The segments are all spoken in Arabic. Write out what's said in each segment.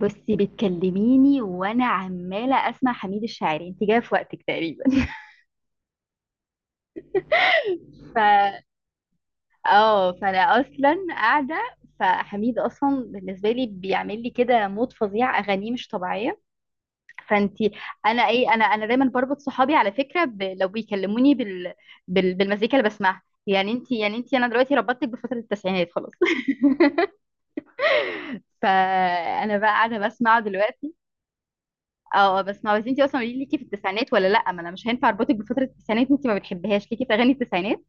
بصي، بتكلميني وانا عماله اسمع حميد الشاعري، انت جايه في وقتك تقريبا. ف اه فانا اصلا قاعده، فحميد اصلا بالنسبه لي بيعمل لي كده مود فظيع، اغانيه مش طبيعيه. فانت انا دايما بربط صحابي على فكره لو بيكلموني بالمزيكا اللي بسمعها، يعني انت، انا دلوقتي ربطتك بفتره التسعينات خلاص. فانا بقى قاعده بسمعه دلوقتي. اه. بس، ما بس انتي اصلا قولي لي، ليكي في التسعينات ولا لا؟ ما انا مش هينفع اربطك بفتره التسعينات، انتي ما بتحبيهاش. ليكي في اغاني التسعينات؟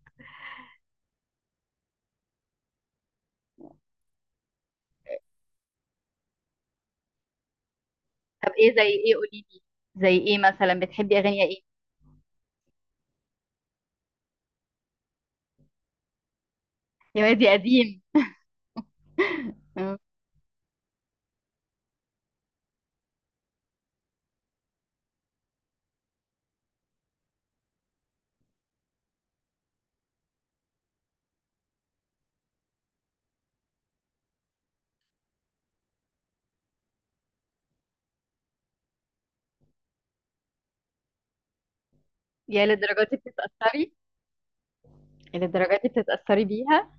طب ايه؟ زي ايه؟ قولي لي، زي ايه مثلا بتحبي اغاني ايه؟ يا وادي قديم. آه. يا للدرجات دي بتتاثري، يا للدرجات دي بتتاثري بيها.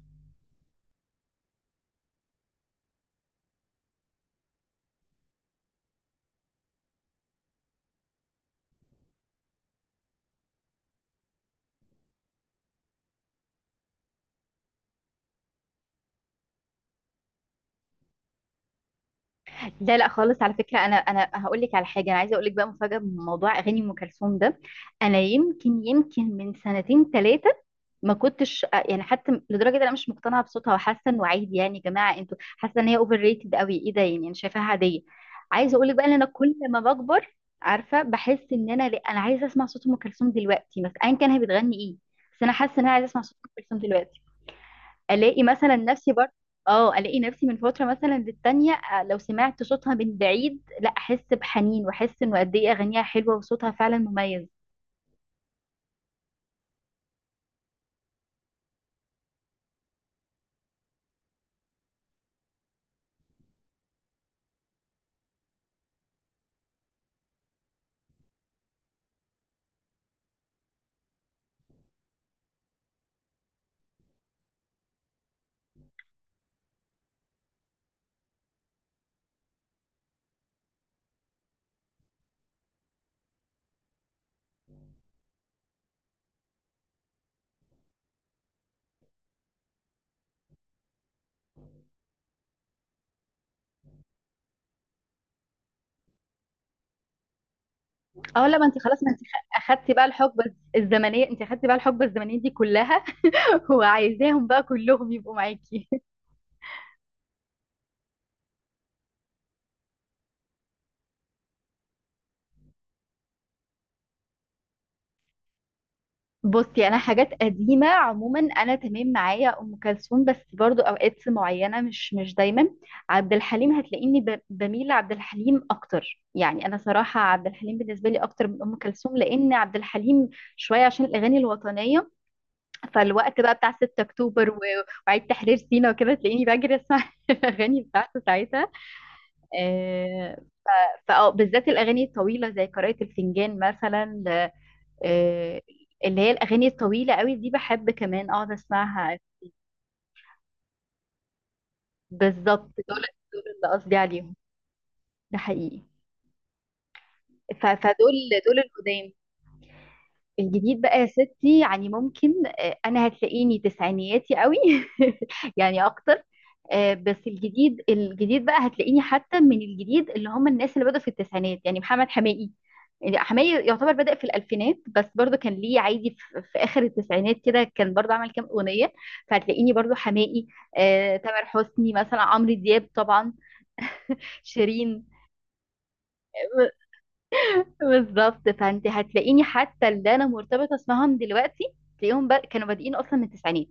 لا لا خالص، على فكره انا هقول لك على حاجه، انا عايزه اقول لك بقى مفاجاه من موضوع اغاني ام كلثوم ده. انا يمكن، من سنتين ثلاثه ما كنتش يعني، حتى لدرجه ان انا مش مقتنعه بصوتها، وحاسه انه عادي. يعني يا جماعه انتوا حاسه ان هي اوفر ريتد قوي؟ ايه ده يعني، انا شايفاها عاديه. عايزه اقول لك بقى ان انا كل ما بكبر، عارفه، بحس ان انا لا، انا عايزه اسمع صوت ام كلثوم دلوقتي، مثلا ايا كان هي بتغني ايه. بس انا حاسه ان انا عايزه اسمع صوت ام كلثوم دلوقتي، الاقي مثلا نفسي برضه. اه الاقي نفسي من فتره مثلا للتانيه، لو سمعت صوتها من بعيد لا احس بحنين، واحس انه قد ايه اغانيها حلوه وصوتها فعلا مميز. اه لا، ما انت خلاص، ما انت خ- اخدتي بقى الحقبه الزمنيه، انت اخدتي بقى الحقبه الزمنيه دي كلها. وعايزاهم بقى كلهم يبقوا معاكي. بصي انا، حاجات قديمه عموما انا تمام، معايا ام كلثوم بس برضو اوقات معينه، مش دايما. عبد الحليم هتلاقيني بميل لعبد الحليم اكتر، يعني انا صراحه عبد الحليم بالنسبه لي اكتر من ام كلثوم، لان عبد الحليم شويه عشان الاغاني الوطنيه. فالوقت بقى بتاع 6 اكتوبر و- وعيد تحرير سيناء وكده، تلاقيني بجري اسمع الاغاني بتاعته ساعتها. آه، فأه بالذات الأغاني الطويلة زي قراءة الفنجان مثلا. آه، اللي هي الأغاني الطويلة قوي دي، بحب كمان أقعد أسمعها. بالظبط دول، دول اللي قصدي عليهم، ده حقيقي. ف- فدول، دول القدام. الجديد بقى يا ستي، يعني ممكن، أنا هتلاقيني تسعينياتي قوي، يعني أكتر. بس الجديد بقى هتلاقيني حتى من الجديد اللي هم الناس اللي بدأوا في التسعينات، يعني محمد حماقي. يعني حماقي يعتبر بدأ في الألفينات، بس برضو كان ليه عادي في آخر التسعينات كده، كان برضو عمل كام أغنية. فهتلاقيني برضو حماقي، تامر حسني مثلا، عمرو دياب طبعا، شيرين. بالظبط، فانت هتلاقيني حتى اللي انا مرتبطه اسمهم دلوقتي، تلاقيهم كانوا بادئين اصلا من التسعينات.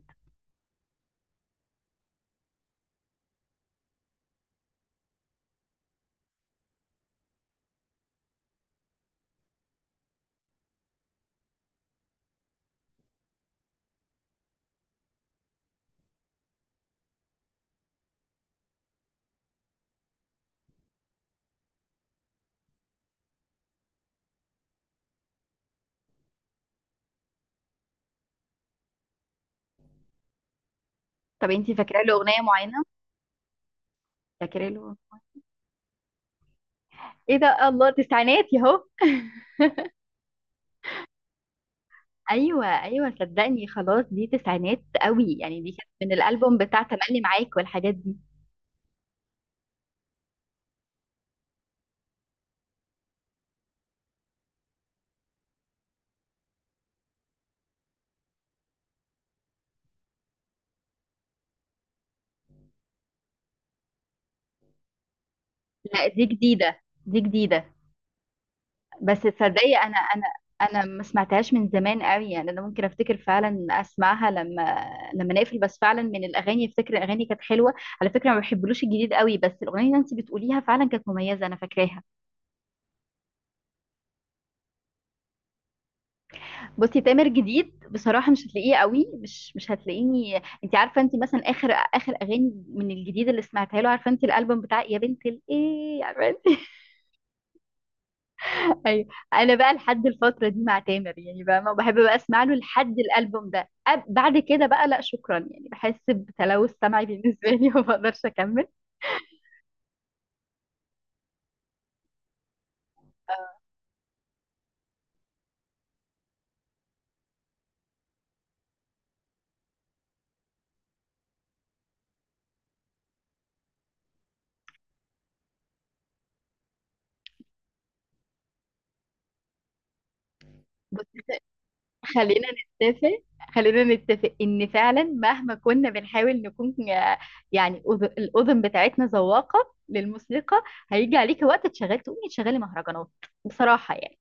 طب انت فاكره له اغنيه معينه؟ فاكره له؟ ايه ده، الله، تسعينات يهو. ايوه ايوه، صدقني خلاص دي تسعينات قوي، يعني دي كانت من الالبوم بتاع تملي معاك والحاجات دي. لا دي جديده، دي جديده. بس تصدقي انا، انا ما سمعتهاش من زمان قوي، يعني انا ممكن افتكر فعلا اسمعها لما، نقفل. بس فعلا من الاغاني، افتكر الاغاني كانت حلوه. على فكره ما بحبلوش الجديد قوي، بس الاغنيه اللي انت بتقوليها فعلا كانت مميزه، انا فاكراها. بصي تامر جديد بصراحة مش هتلاقيه قوي، مش هتلاقيني. انت عارفة انت، مثلا اخر اغاني من الجديد اللي سمعتها له، عارفة انت، الالبوم بتاع يا بنت الايه، عارفة انت. ايوه، انا بقى لحد الفترة دي مع تامر، يعني بقى ما بحب بقى اسمع له لحد الالبوم ده. بعد كده بقى لا شكرا، يعني بحس بتلوث سمعي بالنسبة لي. وما بقدرش اكمل. خلينا نتفق، ان فعلا مهما كنا بنحاول نكون يعني، الاذن بتاعتنا ذواقه للموسيقى، هيجي عليك وقت تشغل، تقومي تشغلي مهرجانات بصراحه يعني.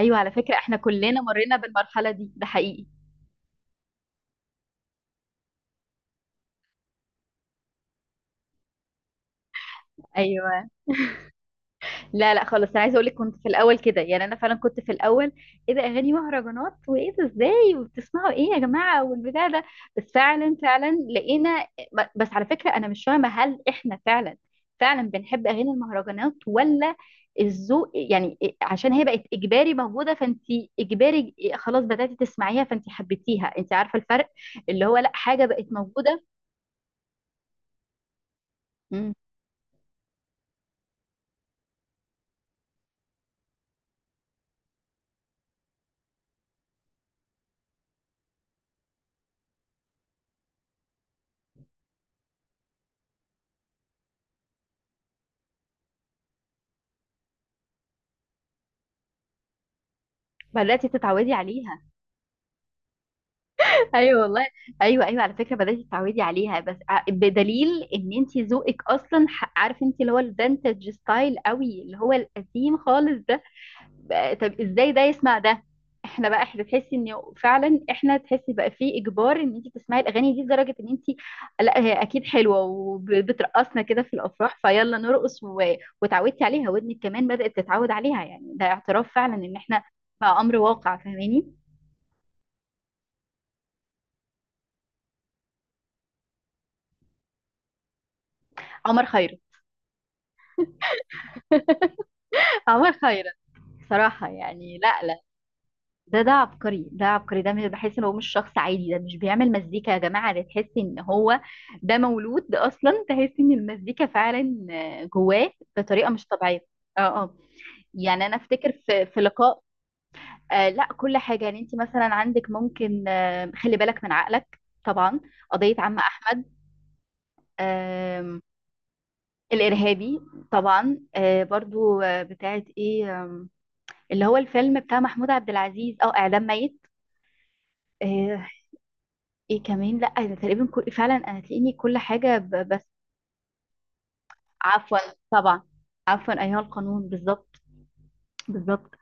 ايوه على فكره، احنا كلنا مرينا بالمرحله دي، ده حقيقي. ايوه لا لا خالص، انا عايزه اقول لك كنت في الاول كده، يعني انا فعلا كنت في الاول، ايه ده اغاني مهرجانات، وايه ده ازاي، وبتسمعوا ايه يا جماعه، والبتاع ده. بس فعلا فعلا لقينا. بس على فكره انا مش فاهمه، هل احنا فعلا فعلا بنحب اغاني المهرجانات، ولا الذوق، يعني عشان هي بقت اجباري موجوده، فانت اجباري خلاص بداتي تسمعيها فانت حبيتيها. انت عارفه الفرق، اللي هو لا، حاجه بقت موجوده. مم. بداتي تتعودي عليها. ايوه والله، ايوه ايوه على فكره بدات تتعودي عليها، بس بدليل ان انت ذوقك اصلا، عارف انت، اللي هو الفانتج ستايل قوي اللي هو القديم خالص ده. طب ازاي ده يسمع ده؟ احنا بقى، احنا تحسي ان فعلا احنا تحسي بقى في اجبار ان انت تسمعي الاغاني دي، لدرجه ان انت، لا هي اكيد حلوه، وبترقصنا كده في الافراح، فيلا نرقص وتعودتي عليها، ودنك كمان بدات تتعود عليها. يعني ده اعتراف فعلا ان احنا بقى امر واقع، فاهماني. عمر خيرت، عمر خيرت بصراحة يعني، لا لا، ده، عبقري، ده عبقري، ده مش- بحس ان هو مش شخص عادي، ده مش بيعمل مزيكا يا جماعة، ده تحس ان هو، ده مولود، ده اصلا تحس ان المزيكا فعلا جواه بطريقة مش طبيعية. اه اه، يعني انا افتكر في لقاء. آه لا كل حاجة، يعني انت مثلا عندك ممكن، خلي بالك من عقلك طبعا، قضية عم احمد، آه الارهابي، طبعا، برضو، بتاعت ايه، اللي هو الفيلم بتاع محمود عبد العزيز، او اعدام ميت. آه، ايه كمان، لا أنا تقريبا كل، فعلا انا تلاقيني كل حاجه بس، عفوا طبعا عفوا ايها القانون، بالظبط بالظبط.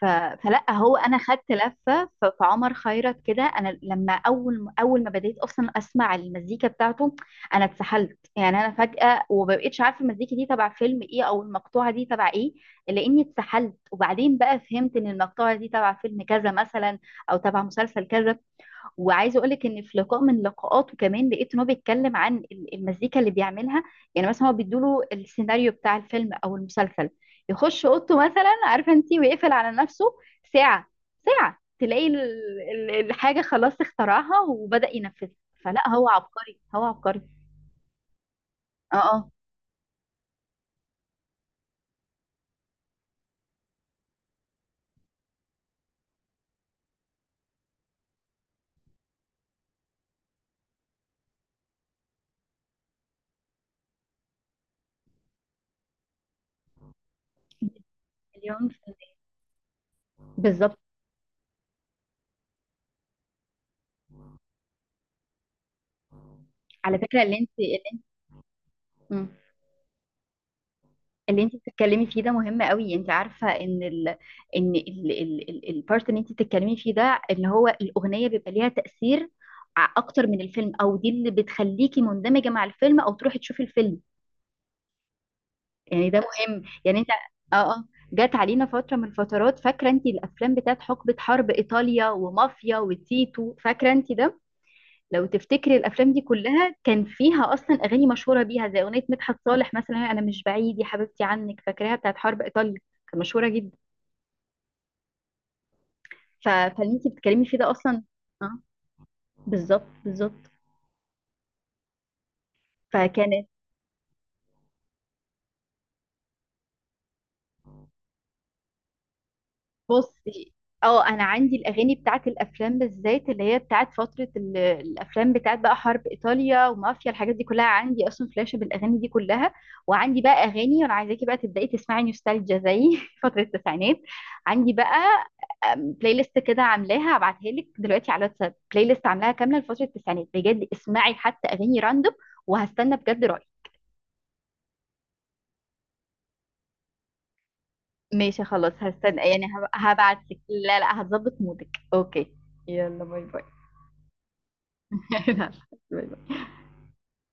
ف... فلا هو، انا خدت لفه، فعمر خيرت كده، انا لما اول اول ما بديت اصلا اسمع المزيكا بتاعته، انا اتسحلت، يعني انا فجاه ومبقتش عارفه المزيكا دي تبع فيلم ايه، او المقطوعه دي تبع ايه، لاني اتسحلت. وبعدين بقى فهمت ان المقطوعه دي تبع فيلم كذا مثلا، او تبع مسلسل كذا. وعايزه اقول لك ان في لقاء من لقاءاته كمان، لقيت ان هو بيتكلم عن المزيكا اللي بيعملها، يعني مثلا هو بيدوله السيناريو بتاع الفيلم او المسلسل، يخش اوضته مثلا، عارفه انت، ويقفل على نفسه ساعه، ساعه تلاقي الحاجه خلاص اخترعها وبدأ ينفذها. فلا هو عبقري، هو عبقري. اه اه، مليون%. بالظبط. على فكره اللي انت، مم. اللي انت بتتكلمي فيه ده مهم قوي. انت عارفه ان ال ان ال ال ال البارت اللي انت بتتكلمي فيه ده، ان هو الاغنيه بيبقى ليها تاثير اكتر من الفيلم، او دي اللي بتخليكي مندمجه مع الفيلم، او تروحي تشوفي الفيلم. يعني ده مهم، يعني انت. اه اه. جات علينا فتره من الفترات، فاكره انت الافلام بتاعت حقبه حرب ايطاليا ومافيا وتيتو، فاكره انت ده. لو تفتكري الافلام دي كلها كان فيها اصلا اغاني مشهوره بيها، زي اغنيه مدحت صالح مثلا انا مش بعيد يا حبيبتي عنك، فاكراها، بتاعت حرب ايطاليا، كانت مشهوره جدا. ف- فاللي انت بتتكلمي فيه ده اصلا، اه، بالظبط بالظبط. فكانت، بصي، اه انا عندي الاغاني بتاعت الافلام بالذات اللي هي بتاعت فتره الافلام بتاعت بقى حرب ايطاليا ومافيا، الحاجات دي كلها عندي اصلا فلاشه بالاغاني دي كلها. وعندي بقى اغاني، وانا عايزاكي بقى تبداي تسمعي نوستالجيا زي فتره التسعينات. عندي بقى بلاي ليست كده عاملاها، هبعتها لك دلوقتي على الواتساب، بلاي ليست عاملاها كامله لفتره التسعينات، بجد اسمعي حتى اغاني راندوم، وهستنى بجد رايك. ماشي خلاص، هستنى يعني، هبعت لك، لا لا هتظبط مودك. اوكي، يلا باي باي. لا.